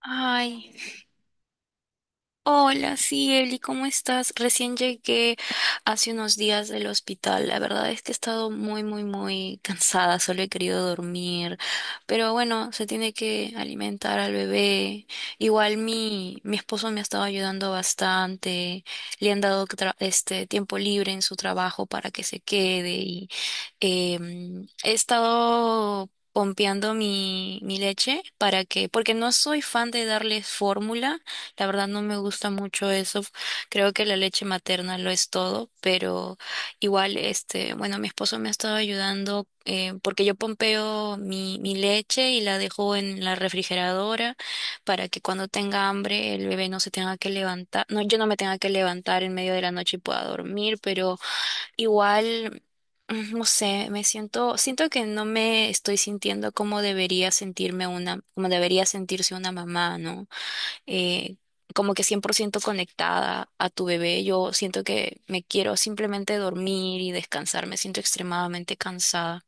Ay, hola, sí, Eli, ¿cómo estás? Recién llegué hace unos días del hospital. La verdad es que he estado muy, muy, muy cansada, solo he querido dormir. Pero bueno, se tiene que alimentar al bebé. Igual mi esposo me ha estado ayudando bastante. Le han dado este tiempo libre en su trabajo para que se quede y he estado pompeando mi leche porque no soy fan de darles fórmula. La verdad no me gusta mucho eso. Creo que la leche materna lo es todo, pero igual, este, bueno, mi esposo me ha estado ayudando, porque yo pompeo mi leche y la dejo en la refrigeradora para que cuando tenga hambre el bebé no se tenga que levantar, no, yo no me tenga que levantar en medio de la noche y pueda dormir. Pero igual, no sé, siento que no me estoy sintiendo como debería sentirme como debería sentirse una mamá, ¿no? eh, como que 100% conectada a tu bebé. Yo siento que me quiero simplemente dormir y descansar. Me siento extremadamente cansada.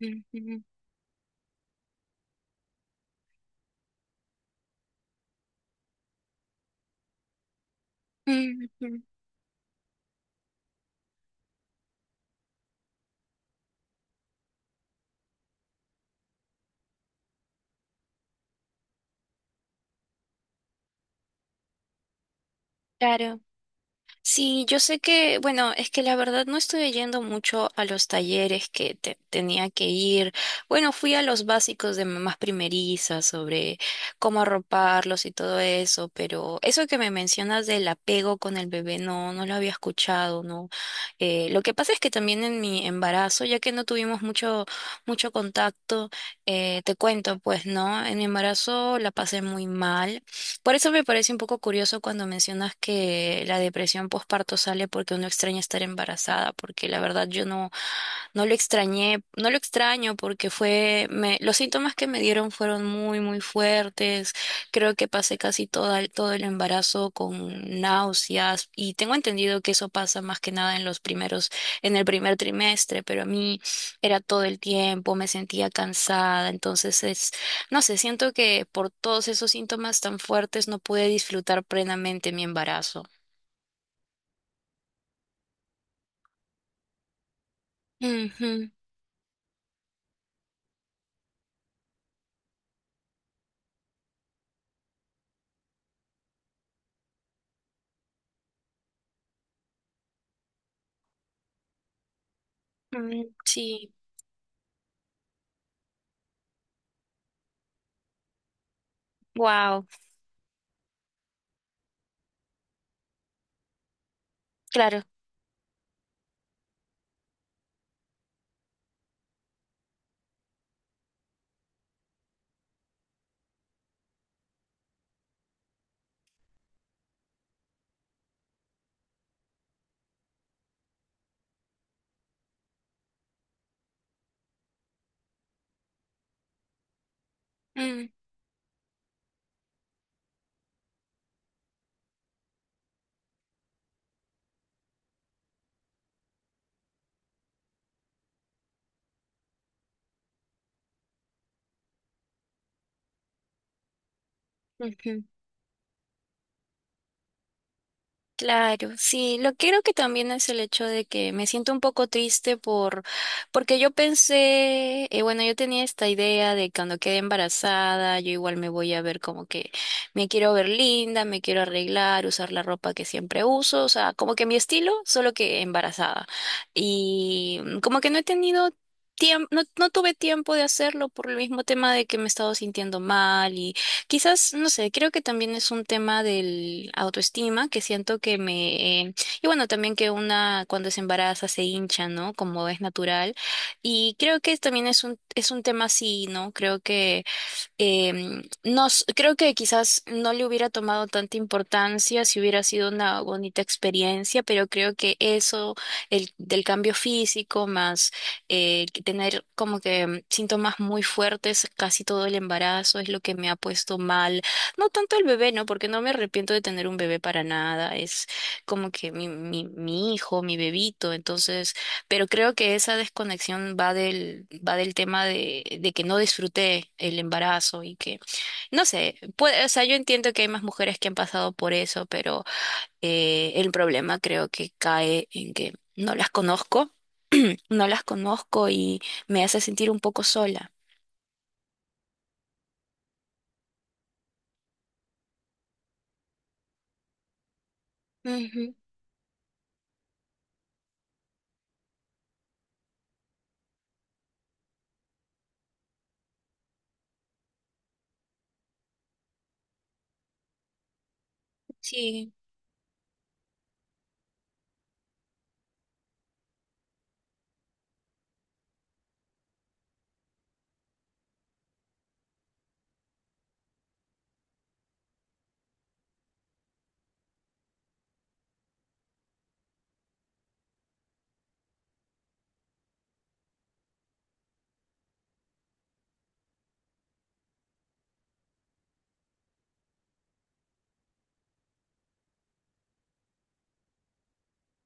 Ujú, ujú, claro. Sí, yo sé que, bueno, es que la verdad no estoy yendo mucho a los talleres que tenía que ir. Bueno, fui a los básicos de mamás primerizas sobre cómo arroparlos y todo eso, pero eso que me mencionas del apego con el bebé, no, no lo había escuchado, ¿no? Lo que pasa es que también en mi embarazo, ya que no tuvimos mucho, mucho contacto, te cuento, pues, ¿no? En mi embarazo la pasé muy mal. Por eso me parece un poco curioso cuando mencionas que la depresión postparto sale porque uno extraña estar embarazada, porque la verdad yo no lo extrañé, no lo extraño porque los síntomas que me dieron fueron muy, muy fuertes. Creo que pasé casi todo el embarazo con náuseas y tengo entendido que eso pasa más que nada en en el primer trimestre, pero a mí era todo el tiempo, me sentía cansada, entonces no sé, siento que por todos esos síntomas tan fuertes no pude disfrutar plenamente mi embarazo. Ujú, mm, sí, wow, claro, mm, ujú. Claro, sí, lo que creo que también es el hecho de que me siento un poco triste porque yo pensé, bueno, yo tenía esta idea de cuando quede embarazada, yo igual me voy a ver como que me quiero ver linda, me quiero arreglar, usar la ropa que siempre uso, o sea, como que mi estilo, solo que embarazada. Y como que no he tenido tiempo, no tuve tiempo de hacerlo por el mismo tema de que me he estado sintiendo mal. Quizás, no sé, creo que también es un tema del autoestima, que siento que me... y bueno, también que una cuando se embaraza se hincha, ¿no? Como es natural. Y creo que también es un tema así, ¿no? Creo que... no, creo que quizás no le hubiera tomado tanta importancia si hubiera sido una bonita experiencia, pero creo que eso, el del cambio físico, más que tener como que síntomas muy fuertes casi todo el embarazo es lo que me ha puesto mal. No tanto el bebé, ¿no? Porque no me arrepiento de tener un bebé para nada. Es como que mi hijo, mi bebito. Entonces pero creo que esa desconexión va va del tema de que no disfruté el embarazo y que, no sé, puede, o sea, yo entiendo que hay más mujeres que han pasado por eso, pero el problema creo que cae en que no las conozco, no las conozco y me hace sentir un poco sola. Ujú, sí,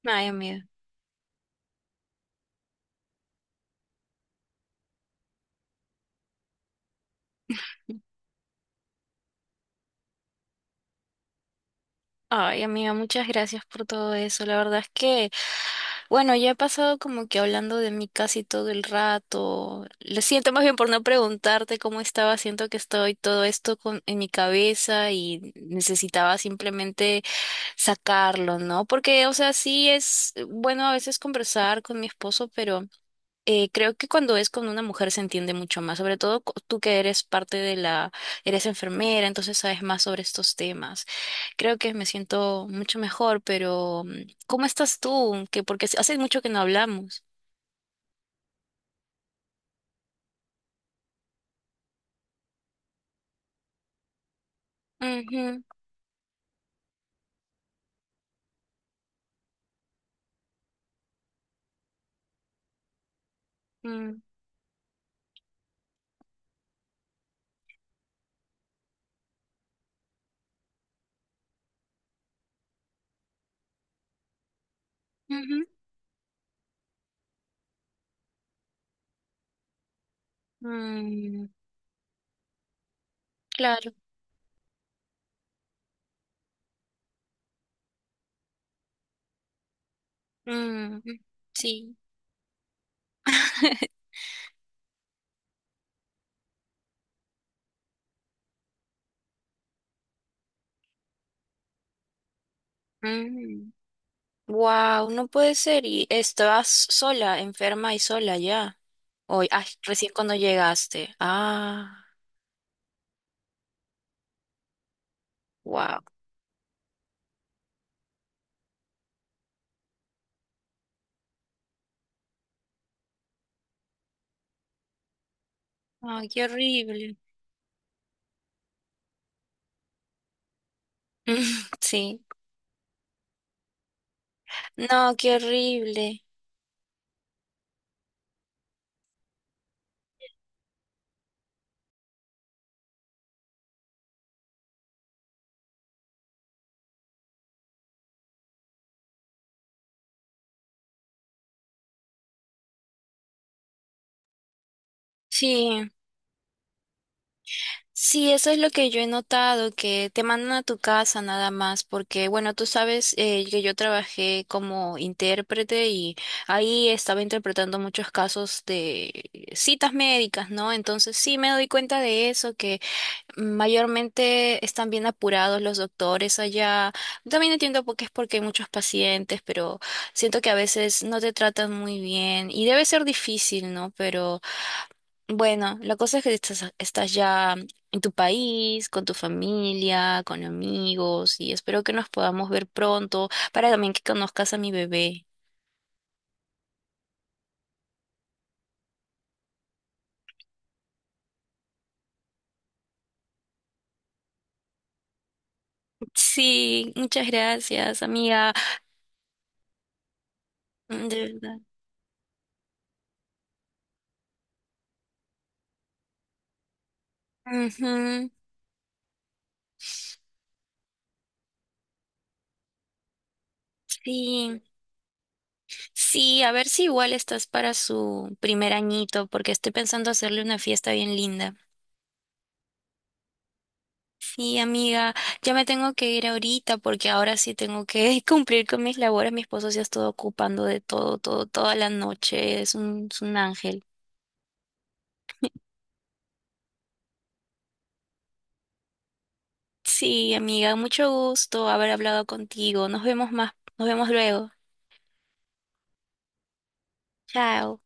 ay, amiga. Ay, amiga, muchas gracias por todo eso. La verdad es que, bueno, ya he pasado como que hablando de mí casi todo el rato. Lo siento más bien por no preguntarte cómo estaba. Siento que estoy todo esto en mi cabeza y necesitaba simplemente sacarlo, ¿no? Porque, o sea, sí es bueno a veces conversar con mi esposo, pero creo que cuando es con una mujer se entiende mucho más, sobre todo tú que eres parte de eres enfermera, entonces sabes más sobre estos temas. Creo que me siento mucho mejor, pero ¿cómo estás tú? Que porque hace mucho que no hablamos. Ujú, mm, ujú, mm, claro, mm, sí. Wow, no puede ser. Y estabas sola, enferma y sola ya. Hoy, ay, recién cuando llegaste. Ah, wow. Ay, qué horrible. Sí. No, qué horrible. Sí. Sí, eso es lo que yo he notado, que te mandan a tu casa nada más, porque bueno, tú sabes que yo trabajé como intérprete y ahí estaba interpretando muchos casos de citas médicas, ¿no? Entonces sí me doy cuenta de eso. Mayormente están bien apurados los doctores allá. También entiendo por qué es, porque hay muchos pacientes, pero siento que a veces no te tratan muy bien y debe ser difícil, ¿no? Pero bueno, la cosa es que estás ya en tu país, con tu familia, con amigos y espero que nos podamos ver pronto para también que conozcas a mi bebé. Sí, muchas gracias, amiga. De verdad. Ujú, sí. Sí, a ver si igual estás para su primer añito, porque estoy pensando hacerle una fiesta bien linda. Sí, amiga, ya me tengo que ir ahorita porque ahora sí tengo que cumplir con mis labores. Mi esposo se ha estado ocupando de todo, todo, toda la noche. Es un ángel. Sí, amiga, mucho gusto haber hablado contigo. Nos vemos luego. Chao.